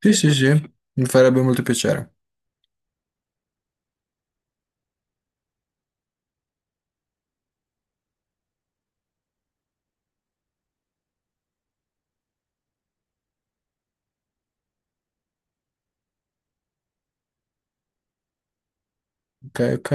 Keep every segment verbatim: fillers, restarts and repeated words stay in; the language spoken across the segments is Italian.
Sì, sì, sì, mi farebbe molto piacere. Ok, ok.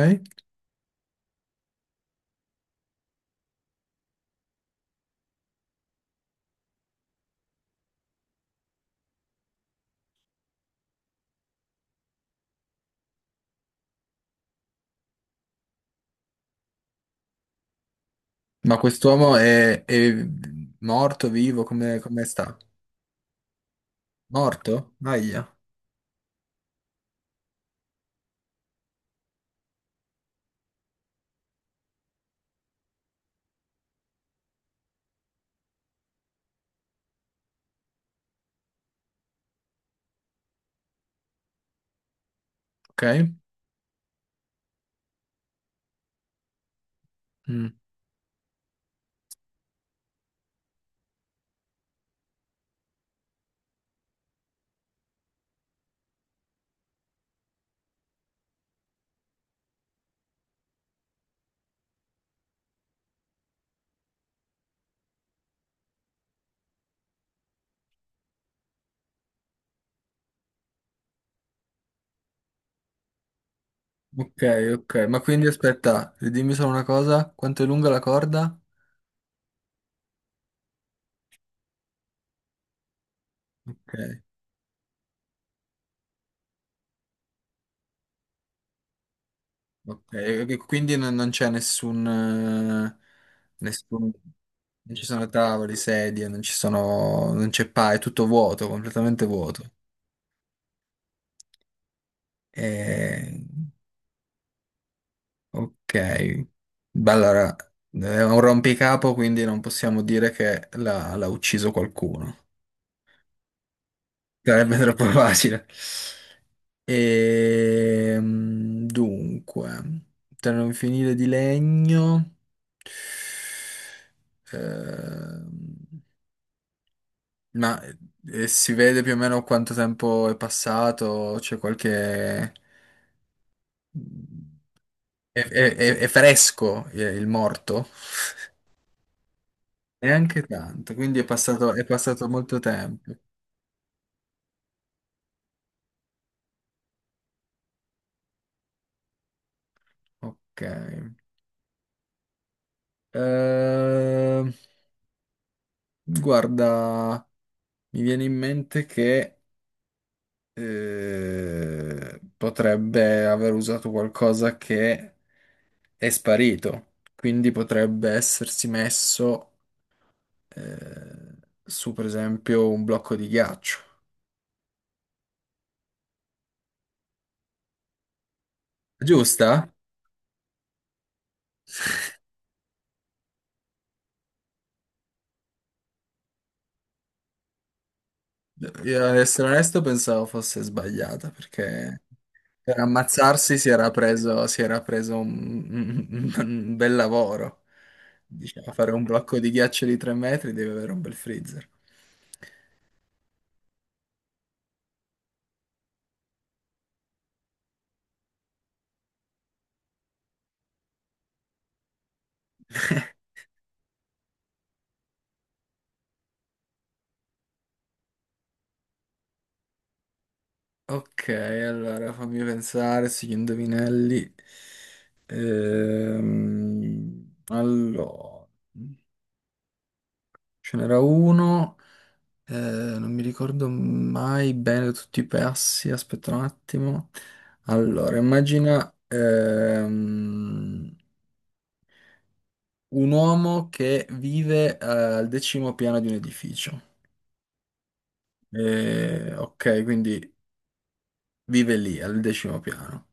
Ma quest'uomo è, è morto, vivo, come, come sta? Morto? Aia, ok. Mm. Ok, ok. Ma quindi aspetta, dimmi solo una cosa, quanto è lunga la corda? Ok, ok. E quindi non, non c'è nessun, eh, nessun... Non ci sono tavoli, sedie, non ci sono... non c'è pa, è tutto vuoto, completamente vuoto. E... Ok, beh, allora è un rompicapo, quindi non possiamo dire che l'ha l'ha ucciso qualcuno. Sarebbe troppo facile. Ehm, dunque, per non finire di legno, ehm, ma eh, si vede più o meno quanto tempo è passato? C'è qualche... È, è- è- è fresco eh, il morto? Neanche tanto, quindi è passato, è passato molto tempo. Ok. Ehm, guarda, mi viene in mente che eh, potrebbe aver usato qualcosa che è sparito, quindi potrebbe essersi messo eh, su, per esempio, un blocco di ghiaccio. Giusta? Io, ad essere onesto, pensavo fosse sbagliata perché. Per ammazzarsi si era preso, si era preso un, un- un bel lavoro. Diceva, fare un blocco di ghiaccio di tre metri deve avere un bel freezer. Ok, allora fammi pensare, sugli indovinelli. Ehm, allora, ce n'era uno, eh, non mi ricordo mai bene tutti i passi, aspetta un attimo. Allora, immagina, ehm, un uomo che vive eh, al decimo piano di un edificio. Eh, ok, quindi vive lì, al decimo piano.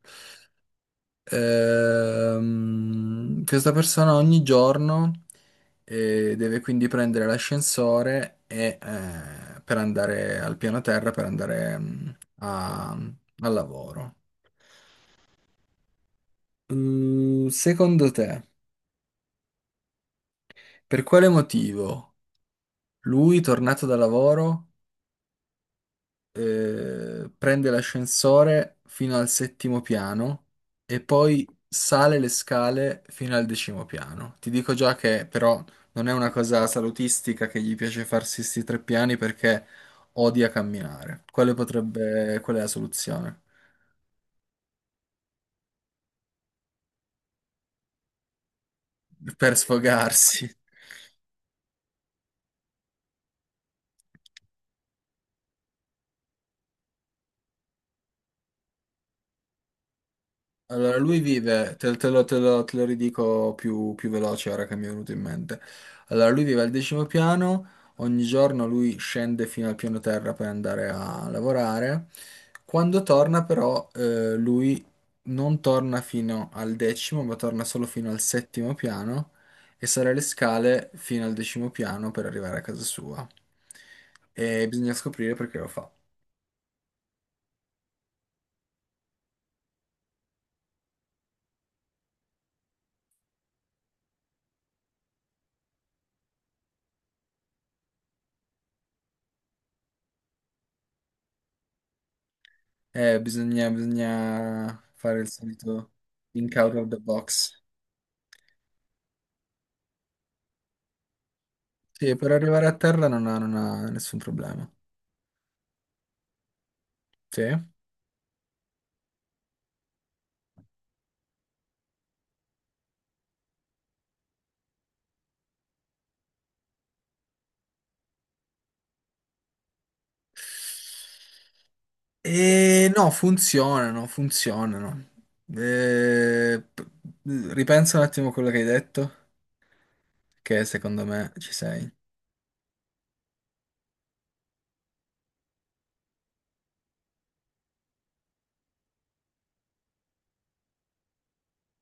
Ehm, questa persona ogni giorno eh, deve quindi prendere l'ascensore e, eh, per andare al piano terra, per andare mm, a- al lavoro. Mm, secondo te, per quale motivo lui, tornato da lavoro, eh, prende l'ascensore fino al settimo piano e poi sale le scale fino al decimo piano. Ti dico già che però non è una cosa salutistica che gli piace farsi questi tre piani perché odia camminare. Quale potrebbe, qual è la soluzione? Per sfogarsi. Allora, lui vive, te, te lo, te lo- te lo ridico più, più veloce ora che mi è venuto in mente. Allora, lui vive al decimo piano, ogni giorno lui scende fino al piano terra per andare a lavorare. Quando torna però, eh, lui non torna fino al decimo, ma torna solo fino al settimo piano e sale le scale fino al decimo piano per arrivare a casa sua. E bisogna scoprire perché lo fa. Eh, bisogna, bisogna fare il solito think out of the box. Sì, per arrivare a terra non ha, non ha nessun problema. Sì. E no, funzionano, funzionano. Eh, p- ripensa un attimo a quello che hai detto, che secondo me ci sei.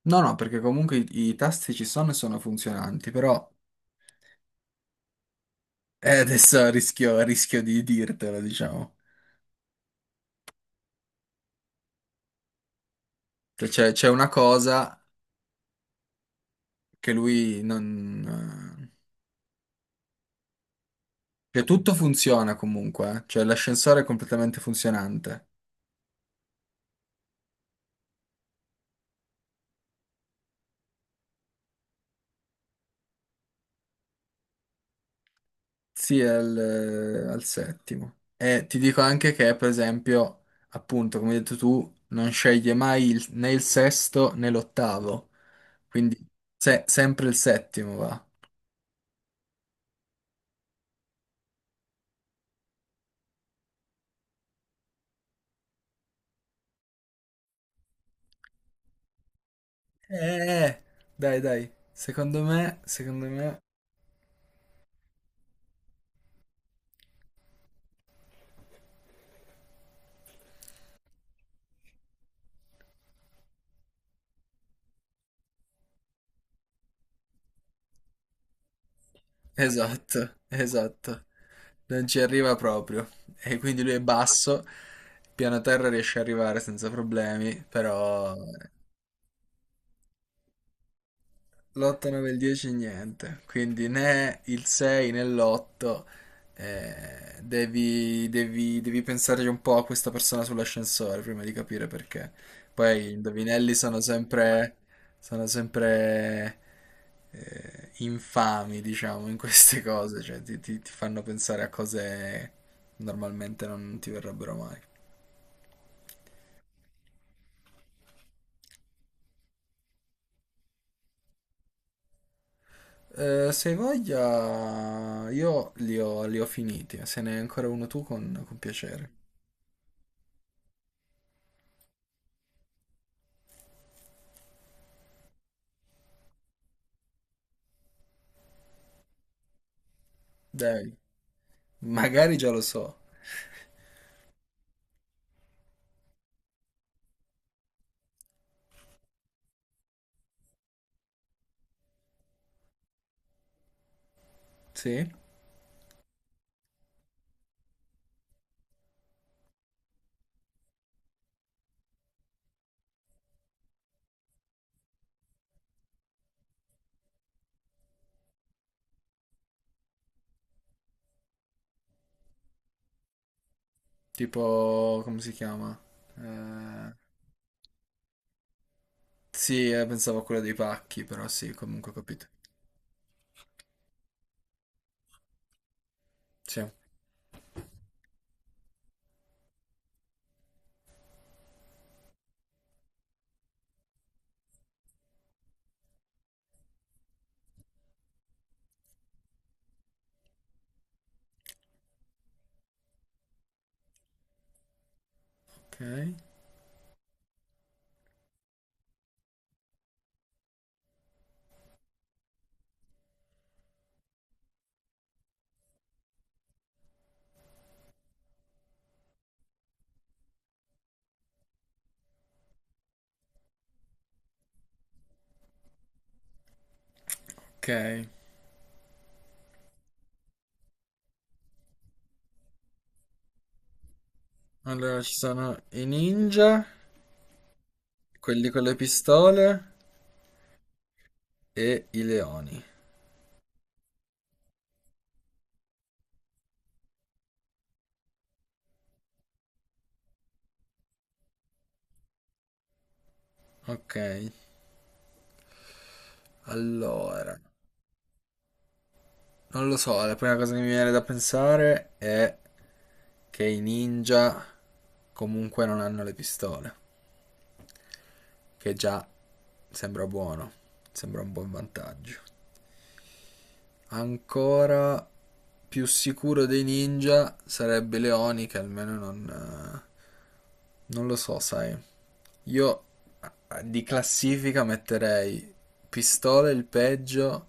No, no, perché comunque i, i tasti ci sono e sono funzionanti, però eh, adesso rischio, rischio di dirtelo, diciamo. Cioè, C'è c'è una cosa che lui non... Cioè, tutto funziona comunque, eh. Cioè l'ascensore è completamente funzionante. Sì, è al, al settimo. E ti dico anche che, per esempio, appunto, come hai detto tu, non sceglie mai il- né il sesto né l'ottavo. Quindi se- sempre il settimo va. Eh, dai, dai. Secondo me, secondo me... Esatto, esatto. Non ci arriva proprio. E quindi lui è basso. Piano terra riesce ad arrivare senza problemi, però... L'otto, nove e il dieci niente, quindi né il sei né l'otto devi, devi, devi pensarci un po' a questa persona sull'ascensore prima di capire perché. Poi i indovinelli sono sempre, sono sempre eh, infami, diciamo, in queste cose, cioè ti, ti- ti fanno pensare a cose normalmente non ti verrebbero mai. Eh, se hai voglia, io li ho, li ho finiti, se ne hai ancora uno tu con con piacere. Dai, magari già lo so. Sì? Tipo, come si chiama? Eh, sì, eh, pensavo a quella dei pacchi, però sì, comunque ho capito. Sì. Ok. Ok. Allora ci sono i ninja, quelli con le pistole e i leoni. Ok. Allora, non lo so, la prima cosa che mi viene da pensare è che i ninja comunque non hanno le pistole. Che già sembra buono, sembra un buon vantaggio. Ancora più sicuro dei ninja sarebbe Leoni che almeno non... eh, non lo so, sai. Io eh, di classifica metterei Pistola il peggio,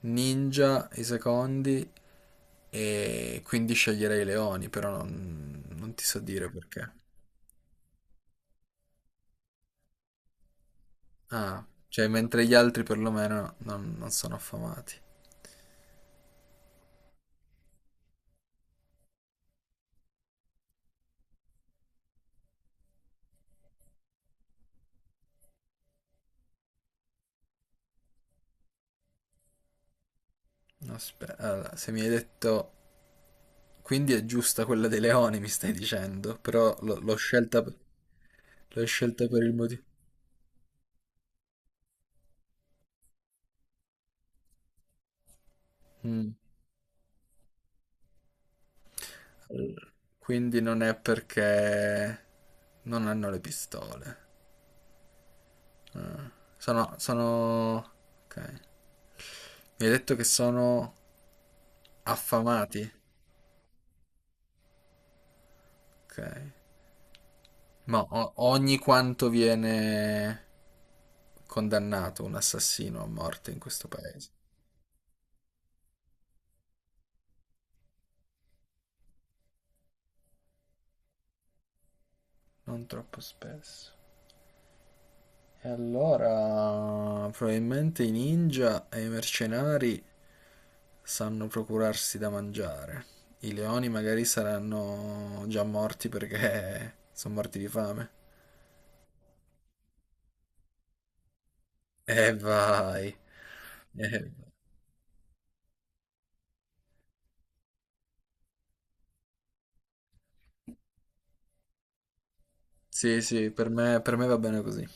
Ninja i secondi e quindi sceglierei Leoni, però non, non ti so dire perché. Ah, cioè mentre gli altri perlomeno non non sono affamati. Aspetta, allora, se mi hai detto... Quindi è giusta quella dei leoni, mi stai dicendo, però l'ho l'ho scelta, per- l'ho scelta per il motivo... Mm. Allora, quindi non è perché non hanno le pistole. Ah. Sono, sono... Ok. Mi hai detto che sono affamati? Ok. Ma o- ogni quanto viene condannato un assassino a morte in questo paese? Non troppo spesso. E allora, probabilmente i ninja e i mercenari sanno procurarsi da mangiare. I leoni magari saranno già morti perché sono morti di fame. E vai. Eh, sì, sì, per me per me va bene così.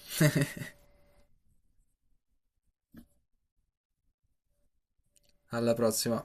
Alla prossima.